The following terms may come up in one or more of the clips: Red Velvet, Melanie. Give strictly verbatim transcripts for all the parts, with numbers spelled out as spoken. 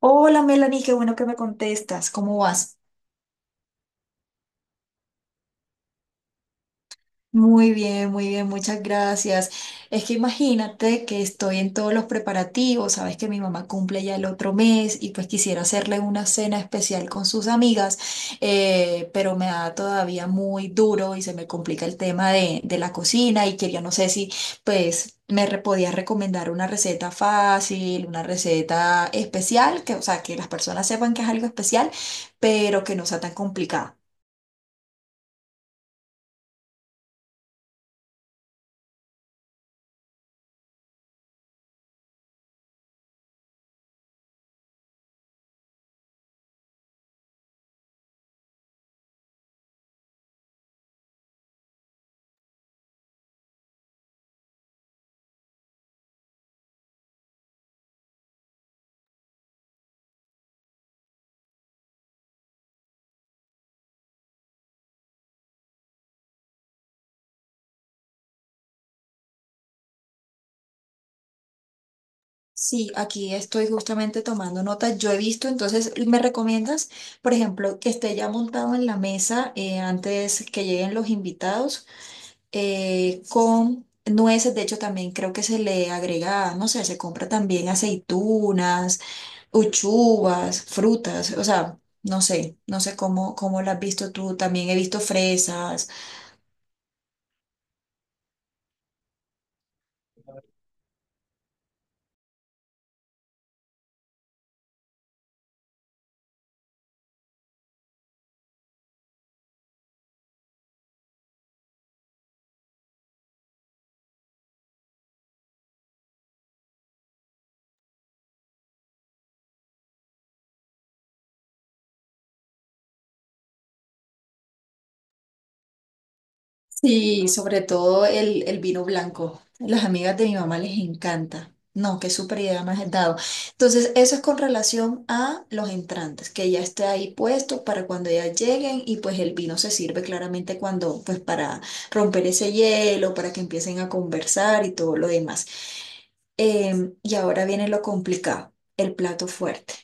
Hola Melanie, qué bueno que me contestas. ¿Cómo vas? Muy bien, muy bien, muchas gracias. Es que imagínate que estoy en todos los preparativos, sabes que mi mamá cumple ya el otro mes y pues quisiera hacerle una cena especial con sus amigas, eh, pero me da todavía muy duro y se me complica el tema de, de la cocina y quería, no sé si pues me re- podías recomendar una receta fácil, una receta especial, que o sea, que las personas sepan que es algo especial, pero que no sea tan complicada. Sí, aquí estoy justamente tomando notas. Yo he visto, entonces, ¿me recomiendas, por ejemplo, que esté ya montado en la mesa eh, antes que lleguen los invitados eh, con nueces? De hecho, también creo que se le agrega, no sé, se compra también aceitunas, uchuvas, frutas, o sea, no sé, no sé cómo, cómo las has visto tú. También he visto fresas. Sí, sobre todo el, el vino blanco. Las amigas de mi mamá les encanta. No, qué super idea me has dado. Entonces, eso es con relación a los entrantes, que ya esté ahí puesto para cuando ellas lleguen y pues el vino se sirve claramente cuando, pues para romper ese hielo, para que empiecen a conversar y todo lo demás. Em, y ahora viene lo complicado, el plato fuerte.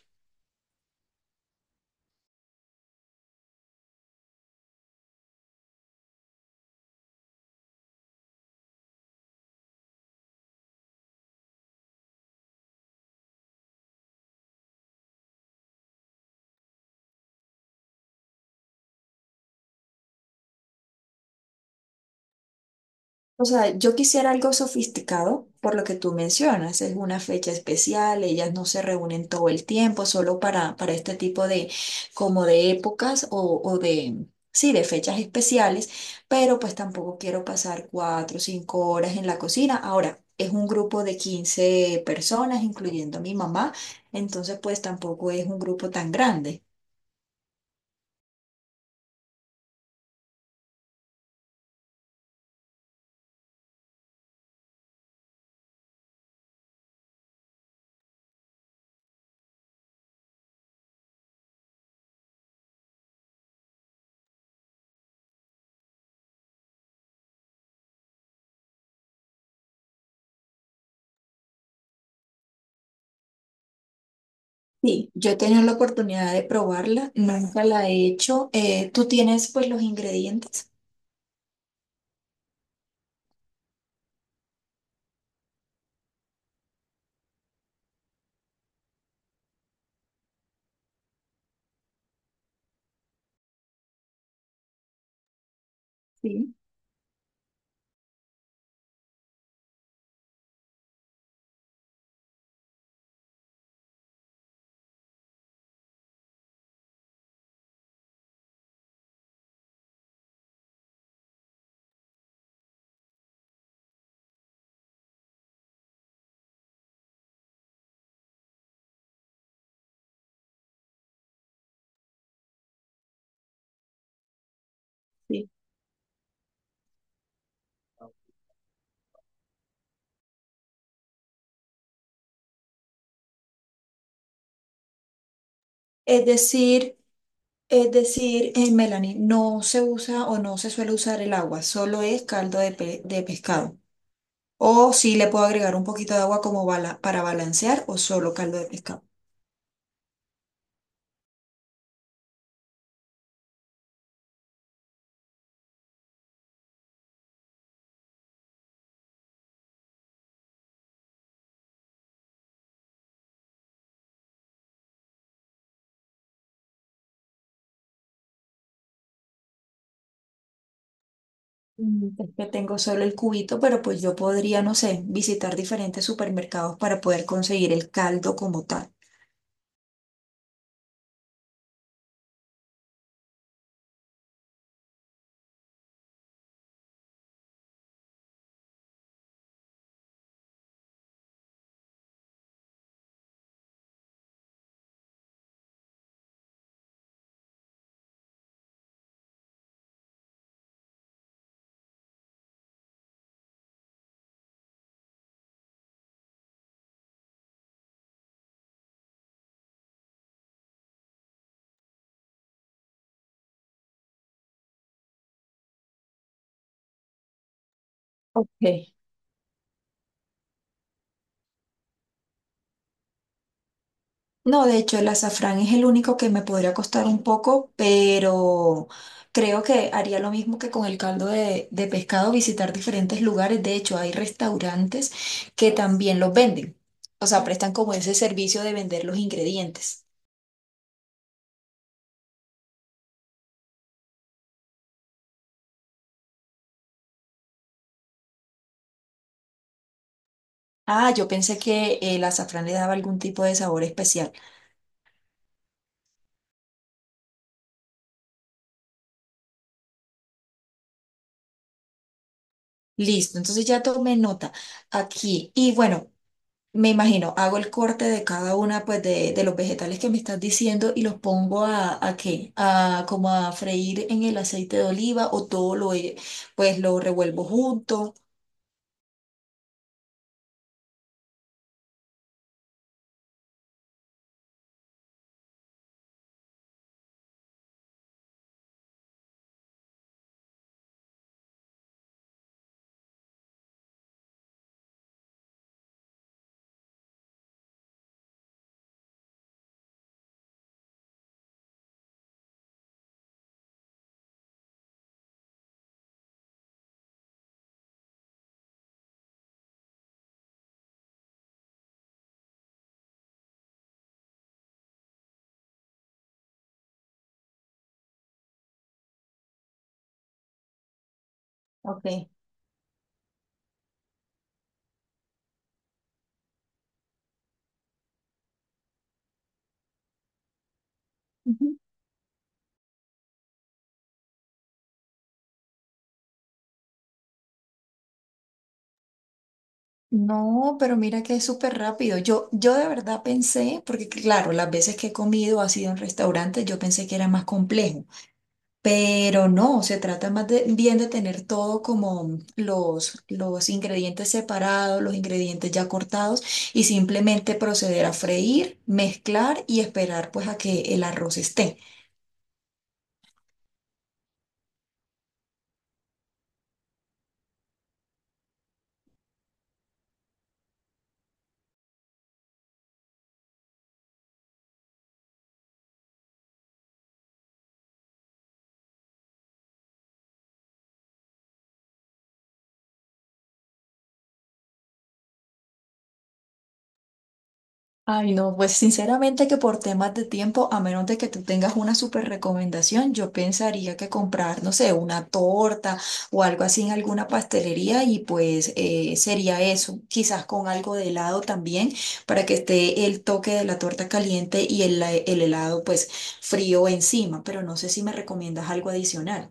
O sea, yo quisiera algo sofisticado por lo que tú mencionas. Es una fecha especial, ellas no se reúnen todo el tiempo, solo para, para este tipo de, como de épocas o, o de, sí, de fechas especiales, pero pues tampoco quiero pasar cuatro o cinco horas en la cocina. Ahora, es un grupo de quince personas, incluyendo a mi mamá, entonces pues tampoco es un grupo tan grande. Sí, yo he tenido la oportunidad de probarla, nunca la he hecho. Eh, ¿tú tienes pues los ingredientes? Sí. Sí. Es decir, es decir, eh, Melanie, no se usa o no se suele usar el agua, solo es caldo de, pe- de pescado. O si le puedo agregar un poquito de agua como bala- para balancear o solo caldo de pescado. Mm, es que tengo solo el cubito, pero pues yo podría, no sé, visitar diferentes supermercados para poder conseguir el caldo como tal. Ok. No, de hecho, el azafrán es el único que me podría costar un poco, pero creo que haría lo mismo que con el caldo de, de pescado, visitar diferentes lugares. De hecho, hay restaurantes que también los venden, o sea, prestan como ese servicio de vender los ingredientes. Ah, yo pensé que el azafrán le daba algún tipo de sabor especial. Listo, entonces ya tomé nota aquí. Y bueno. Me imagino, hago el corte de cada una pues de, de los vegetales que me estás diciendo y los pongo a, a qué, a como a freír en el aceite de oliva o todo lo eh, pues lo revuelvo junto. Ok. Ujú. No, pero mira que es súper rápido. Yo, yo de verdad pensé, porque claro, las veces que he comido ha sido en restaurantes, yo pensé que era más complejo. Pero no, se trata más de- bien de tener todo como los, los ingredientes separados, los ingredientes ya cortados y simplemente proceder a freír, mezclar y esperar pues a que el arroz esté. Ay, no, pues sinceramente que por temas de tiempo, a menos de que tú tengas una súper recomendación, yo pensaría que comprar, no sé, una torta o algo así en alguna pastelería y pues eh, sería eso, quizás con algo de helado también, para que esté el toque de la torta caliente y el, el helado pues frío encima, pero no sé si me recomiendas algo adicional.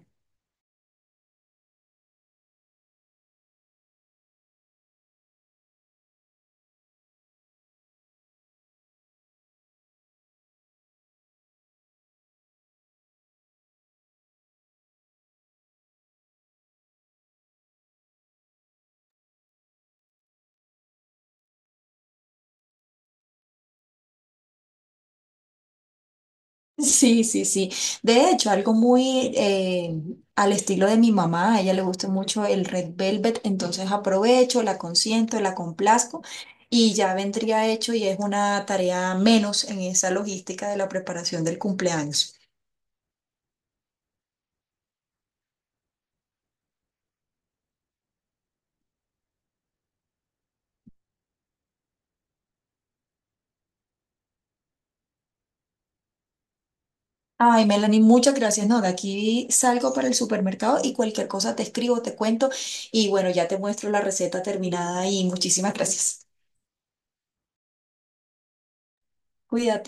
Sí, sí, sí. De hecho, algo muy eh, al estilo de mi mamá, a ella le gusta mucho el Red Velvet, entonces aprovecho, la consiento, la complazco y ya vendría hecho y es una tarea menos en esa logística de la preparación del cumpleaños. Ay, Melanie, muchas gracias. No, de aquí salgo para el supermercado y cualquier cosa te escribo, te cuento y bueno, ya te muestro la receta terminada y muchísimas gracias. Cuídate.